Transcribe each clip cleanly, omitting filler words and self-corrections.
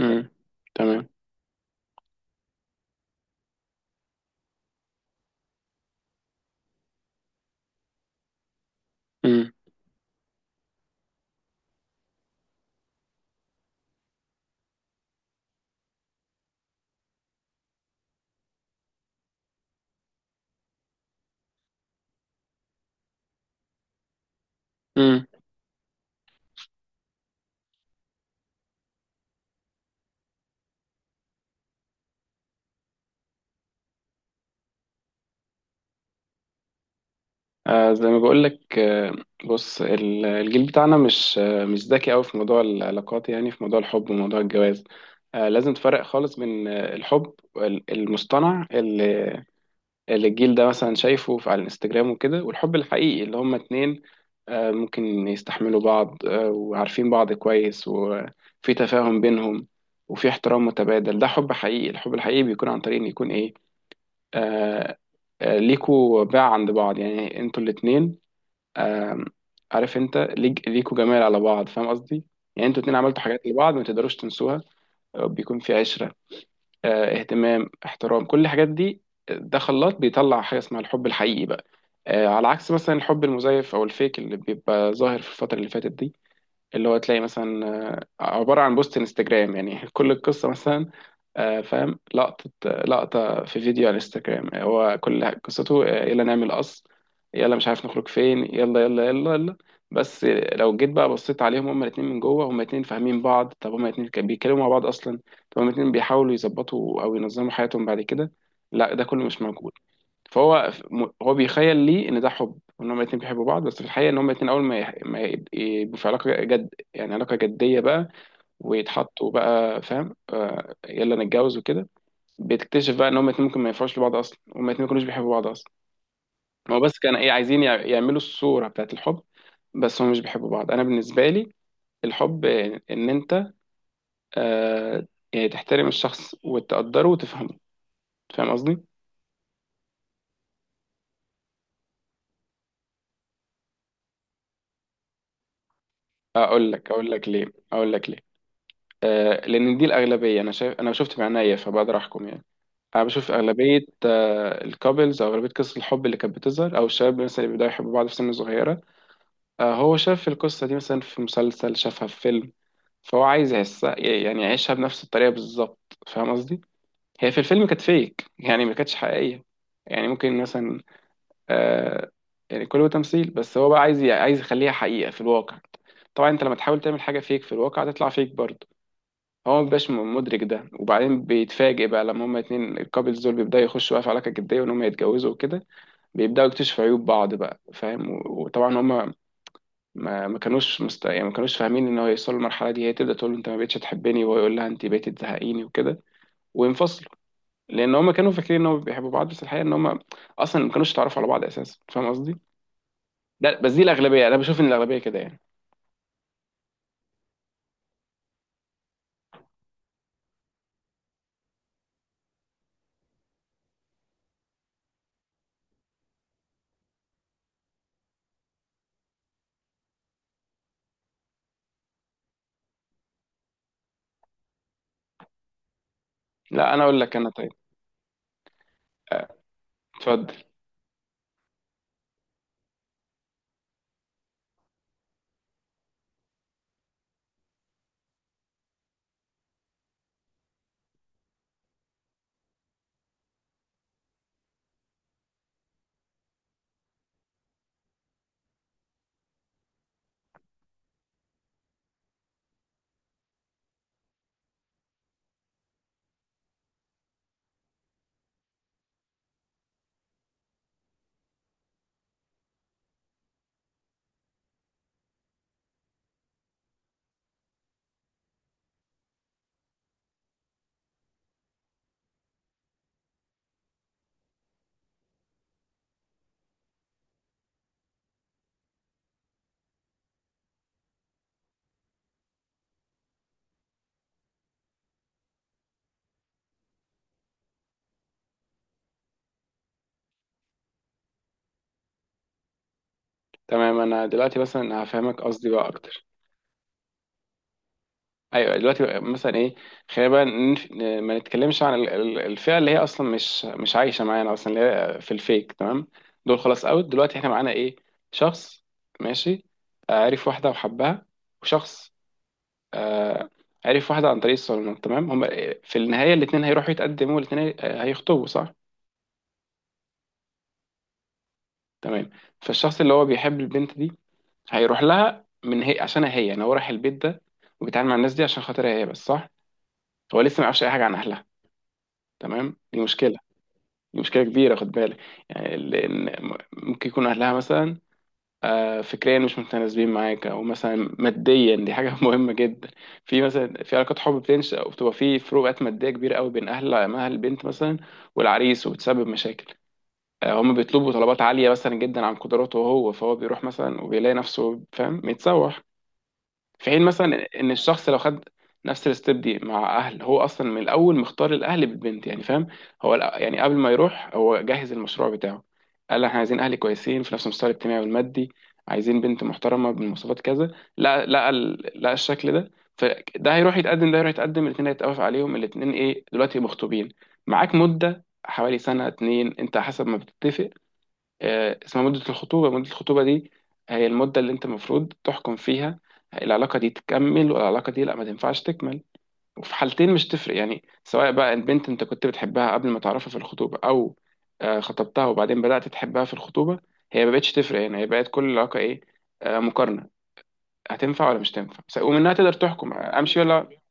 امم تمام امم امم زي ما بقول لك. بص، الجيل بتاعنا مش مش ذكي قوي في موضوع العلاقات، يعني في موضوع الحب وموضوع الجواز. آه، لازم تفرق خالص بين الحب المصطنع اللي الجيل ده مثلا شايفه على الانستجرام وكده، والحب الحقيقي اللي هما اتنين آه ممكن يستحملوا بعض، آه وعارفين بعض كويس، وفي تفاهم بينهم وفي احترام متبادل. ده حب حقيقي. الحب الحقيقي بيكون عن طريق ان يكون ايه، آه ليكوا باع عند بعض، يعني انتوا الاتنين آه عارف انت ليكوا جمال على بعض، فاهم قصدي؟ يعني انتوا الاتنين عملتوا حاجات لبعض ما تقدروش تنسوها. بيكون في عشرة، اهتمام، احترام، كل الحاجات دي. ده خلاط بيطلع حاجة اسمها الحب الحقيقي بقى. آه، على عكس مثلا الحب المزيف او الفيك اللي بيبقى ظاهر في الفترة اللي فاتت دي، اللي هو تلاقي مثلا عبارة عن بوست انستجرام يعني كل القصة مثلا، فاهم، لقطة لقطة في فيديو على انستجرام، هو كل قصته يلا نعمل قص، يلا مش عارف نخرج فين، يلا يلا يلا يلا. بس لو جيت بقى بصيت عليهم هما الاتنين من جوه، هما الاتنين فاهمين بعض؟ طب هما الاتنين كانوا بيتكلموا مع بعض اصلا؟ طب هما الاتنين بيحاولوا يظبطوا او ينظموا حياتهم بعد كده؟ لا، ده كله مش موجود. هو بيخيل لي ان ده حب وان هما الاتنين بيحبوا بعض، بس في الحقيقة ان هما الاتنين اول ما يبقوا في علاقة جد، يعني علاقة جدية بقى، ويتحطوا بقى فاهم، آه، يلا نتجوز وكده، بتكتشف بقى ان هما الاتنين ممكن ما ينفعوش لبعض اصلا، هما الاتنين ما كانوش بيحبوا بعض اصلا. هو بس كان ايه، عايزين يعملوا الصورة بتاعت الحب، بس هما مش بيحبوا بعض. انا بالنسبة لي الحب ان انت آه يعني تحترم الشخص وتقدره وتفهمه، فاهم قصدي. اقول لك ليه، اقول لك ليه. آه، لان دي الاغلبية. انا شفت بعينيا فبقدر احكم يعني. انا بشوف اغلبية آه الكابلز، او اغلبية قصص الحب اللي كانت بتظهر، او الشباب مثلا اللي بيبداوا يحبوا بعض في سن صغيرة. آه هو شاف القصة دي مثلا في مسلسل، شافها في فيلم، فهو عايز يحسها، يعني يعيشها بنفس الطريقة بالظبط، فاهم قصدي؟ هي في الفيلم كانت فيك، يعني ما كانتش حقيقية. يعني ممكن مثلا، آه، يعني كله تمثيل، بس هو بقى عايز عايز يخليها حقيقة في الواقع. طبعا انت لما تحاول تعمل حاجة فيك في الواقع هتطلع فيك برضه. هو ما بيبقاش مدرك ده، وبعدين بيتفاجئ بقى لما هما اتنين الكابلز دول بيبدأوا يخشوا بقى في علاقة جدية وان هما يتجوزوا وكده، بيبدأوا يكتشفوا عيوب بعض بقى، فاهم، وطبعا هما ما كانوش مست، يعني ما كانوش فاهمين ان هو يوصل للمرحله دي. هي تبدا تقول له انت ما بقتش تحبني، وهو يقول لها انت بقيتي تزهقيني وكده، وينفصلوا، لان هم كانوا فاكرين ان هم بيحبوا بعض، بس الحقيقه ان هم اصلا ما كانوش يتعرفوا على بعض اساسا، فاهم قصدي. ده بس، دي الاغلبيه، انا بشوف ان الاغلبيه كده يعني. لا انا اقول لك، انا طيب. آه، اتفضل. تمام، انا دلوقتي مثلا هفهمك قصدي بقى اكتر. ايوه دلوقتي مثلا ايه. خلينا بقى ما نتكلمش عن الفئه اللي هي اصلا مش عايشه معانا اصلا، اللي هي في الفيك، تمام. دول خلاص اوت. دلوقتي احنا معانا ايه؟ شخص، ماشي، آه، عرف واحده وحبها، وشخص آه، عرف واحده عن طريق الصالونات، تمام. هم آه، في النهايه الاثنين هيروحوا يتقدموا، الاثنين هيخطبوا، صح؟ تمام. فالشخص اللي هو بيحب البنت دي هيروح لها من هي، عشانها هي، يعني هو رايح البيت ده وبيتعامل مع الناس دي عشان خاطرها هي بس، صح؟ هو لسه ما يعرفش اي حاجه عن اهلها. تمام، دي مشكله، دي مشكلة كبيرة، خد بالك. يعني لأن ممكن يكون أهلها مثلا آه، فكريا مش متناسبين معاك، أو مثلا ماديا، دي حاجة مهمة جدا. في مثلا في علاقات حب بتنشأ وبتبقى في فروقات مادية كبيرة قوي بين أهل البنت مثلا والعريس، وبتسبب مشاكل. آه، هم بيطلبوا طلبات عالية مثلا جدا عن قدراته هو، فهو بيروح مثلا وبيلاقي نفسه فاهم متسوح. في حين مثلا ان الشخص لو خد نفس الستيب دي مع اهل، هو اصلا من الاول مختار الاهل بالبنت يعني، فاهم. يعني قبل ما يروح هو جهز المشروع بتاعه، قال احنا عايزين اهل كويسين في نفس المستوى الاجتماعي والمادي، عايزين بنت محترمه بمواصفات كذا، لا، الشكل ده. فده هيروح يتقدم، ده هيروح يتقدم، الاثنين هيتقف عليهم، الاثنين ايه دلوقتي، مخطوبين، معاك مده حوالي سنه اتنين، انت حسب ما بتتفق، آه، اسمها مدة الخطوبة. مدة الخطوبة دي هي المدة اللي انت المفروض تحكم فيها، العلاقة دي تكمل والعلاقة دي لا ما تنفعش تكمل. وفي حالتين مش تفرق، يعني سواء بقى البنت انت كنت بتحبها قبل ما تعرفها في الخطوبة، او آه، خطبتها وبعدين بدأت تحبها في الخطوبة، هي ما بقتش تفرق، يعني هي بقت كل علاقة ايه، آه، مقارنة، هتنفع ولا مش تنفع، ومنها تقدر تحكم امشي ولا.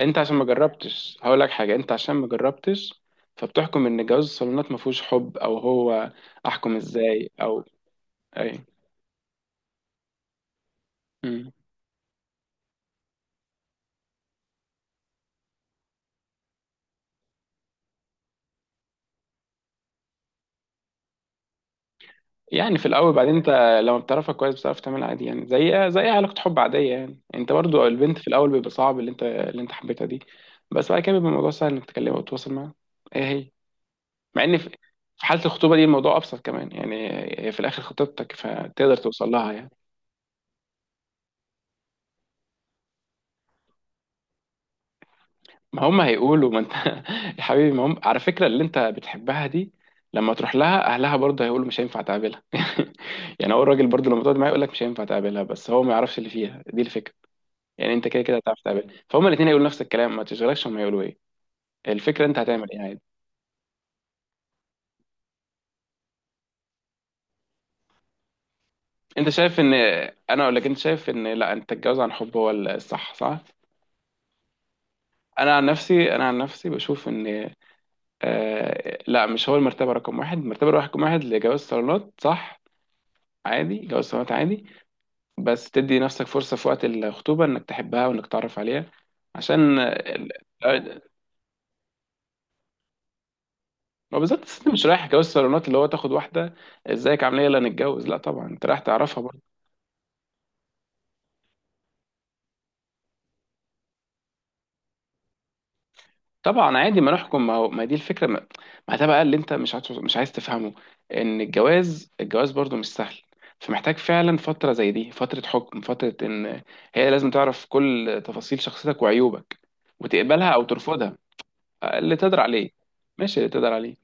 انت عشان ما جربتش هقول لك حاجة، انت عشان ما جربتش فبتحكم ان جواز الصالونات ما فيهوش حب، او هو احكم ازاي، او اي. مم. يعني في الاول، بعدين انت لما بتعرفها كويس بتعرف تعملها عادي، يعني زي أي علاقه حب عاديه يعني. انت برضو البنت في الاول بيبقى صعب اللي اللي انت حبيتها دي، بس بعد كده بيبقى الموضوع سهل انك تكلمها وتتواصل معاها. هي مع ان في، في حاله الخطوبه دي الموضوع ابسط كمان يعني، هي في الاخر خطيبتك فتقدر توصل لها يعني. ما هم هيقولوا، ما انت يا حبيبي، ما هم على فكره اللي انت بتحبها دي لما تروح لها اهلها برضه هيقولوا مش هينفع تقابلها يعني هو الراجل برضه لما تقعد معاه يقول لك مش هينفع تقابلها، بس هو ما يعرفش اللي فيها، دي الفكره. يعني انت كده كده هتعرف تقابل، فهم الاثنين هيقولوا نفس الكلام، ما تشغلكش هم هيقولوا ايه. الفكره انت هتعمل ايه عادي. انت شايف ان، انا اقول لك انت شايف ان لا، انت تتجوز عن حب هو الصح، صح؟ انا عن نفسي بشوف ان آه، لا، مش هو المرتبه رقم واحد، المرتبه رقم واحد لجواز صالونات، صح. عادي، جواز صالونات عادي، بس تدي نفسك فرصه في وقت الخطوبه انك تحبها وانك تعرف عليها عشان ما بالظبط. أصل انت مش رايح جواز صالونات اللي هو تاخد واحده ازيك عامله ايه يلا نتجوز، لا طبعا انت رايح تعرفها. طبعا عادي ما نحكم، ما هو ما دي الفكره، ما، ما ده بقى اللي انت مش عايز تفهمه. ان الجواز برضو مش سهل، فمحتاج فعلا فتره زي دي، فتره حكم، فتره ان هي لازم تعرف كل تفاصيل شخصيتك وعيوبك، وتقبلها او ترفضها، اللي تقدر عليه. ماشي اللي تقدر عليه.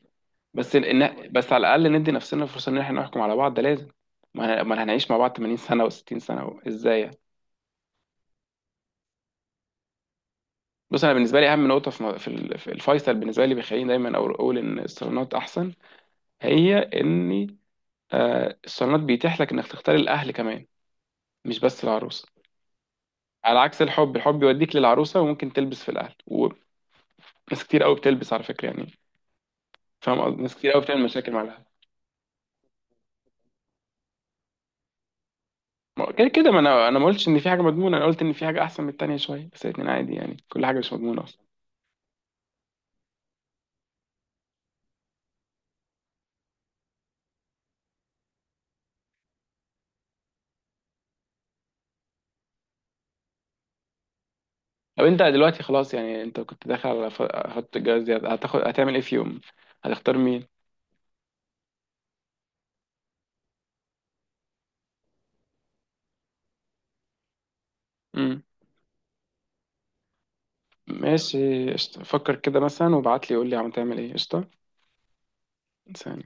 بس على الاقل ندي نفسنا فرصه ان احنا نحكم على بعض، ده لازم. ما هنعيش مع بعض 80 سنه و60 سنه ازاي يعني؟ بص انا بالنسبه لي اهم نقطه في في الفيصل بالنسبه لي بيخليني دايما أقول ان الصالونات احسن، هي ان آه، الصالونات بيتيح لك انك تختار الاهل كمان، مش بس العروسه. على عكس الحب يوديك للعروسه وممكن تلبس في الاهل، وناس كتير قوي بتلبس على فكره يعني. فاهم قصدي، ناس كتير قوي بتعمل مشاكل مع الاهل. ما، كده كده، ما انا ما قلتش ان في حاجه مضمونه، انا قلت ان في حاجه احسن من التانيه شويه، بس الاتنين عادي يعني، كل حاجه مش مضمونه اصلا. طب انت دلوقتي خلاص يعني، انت كنت داخل على خط الجواز دي، هتاخد، هتعمل ايه في يوم، هتختار مين. امم. ماشي قشطة. فكر كده مثلا وابعت لي قول لي عم تعمل ايه. قشطه. سلام.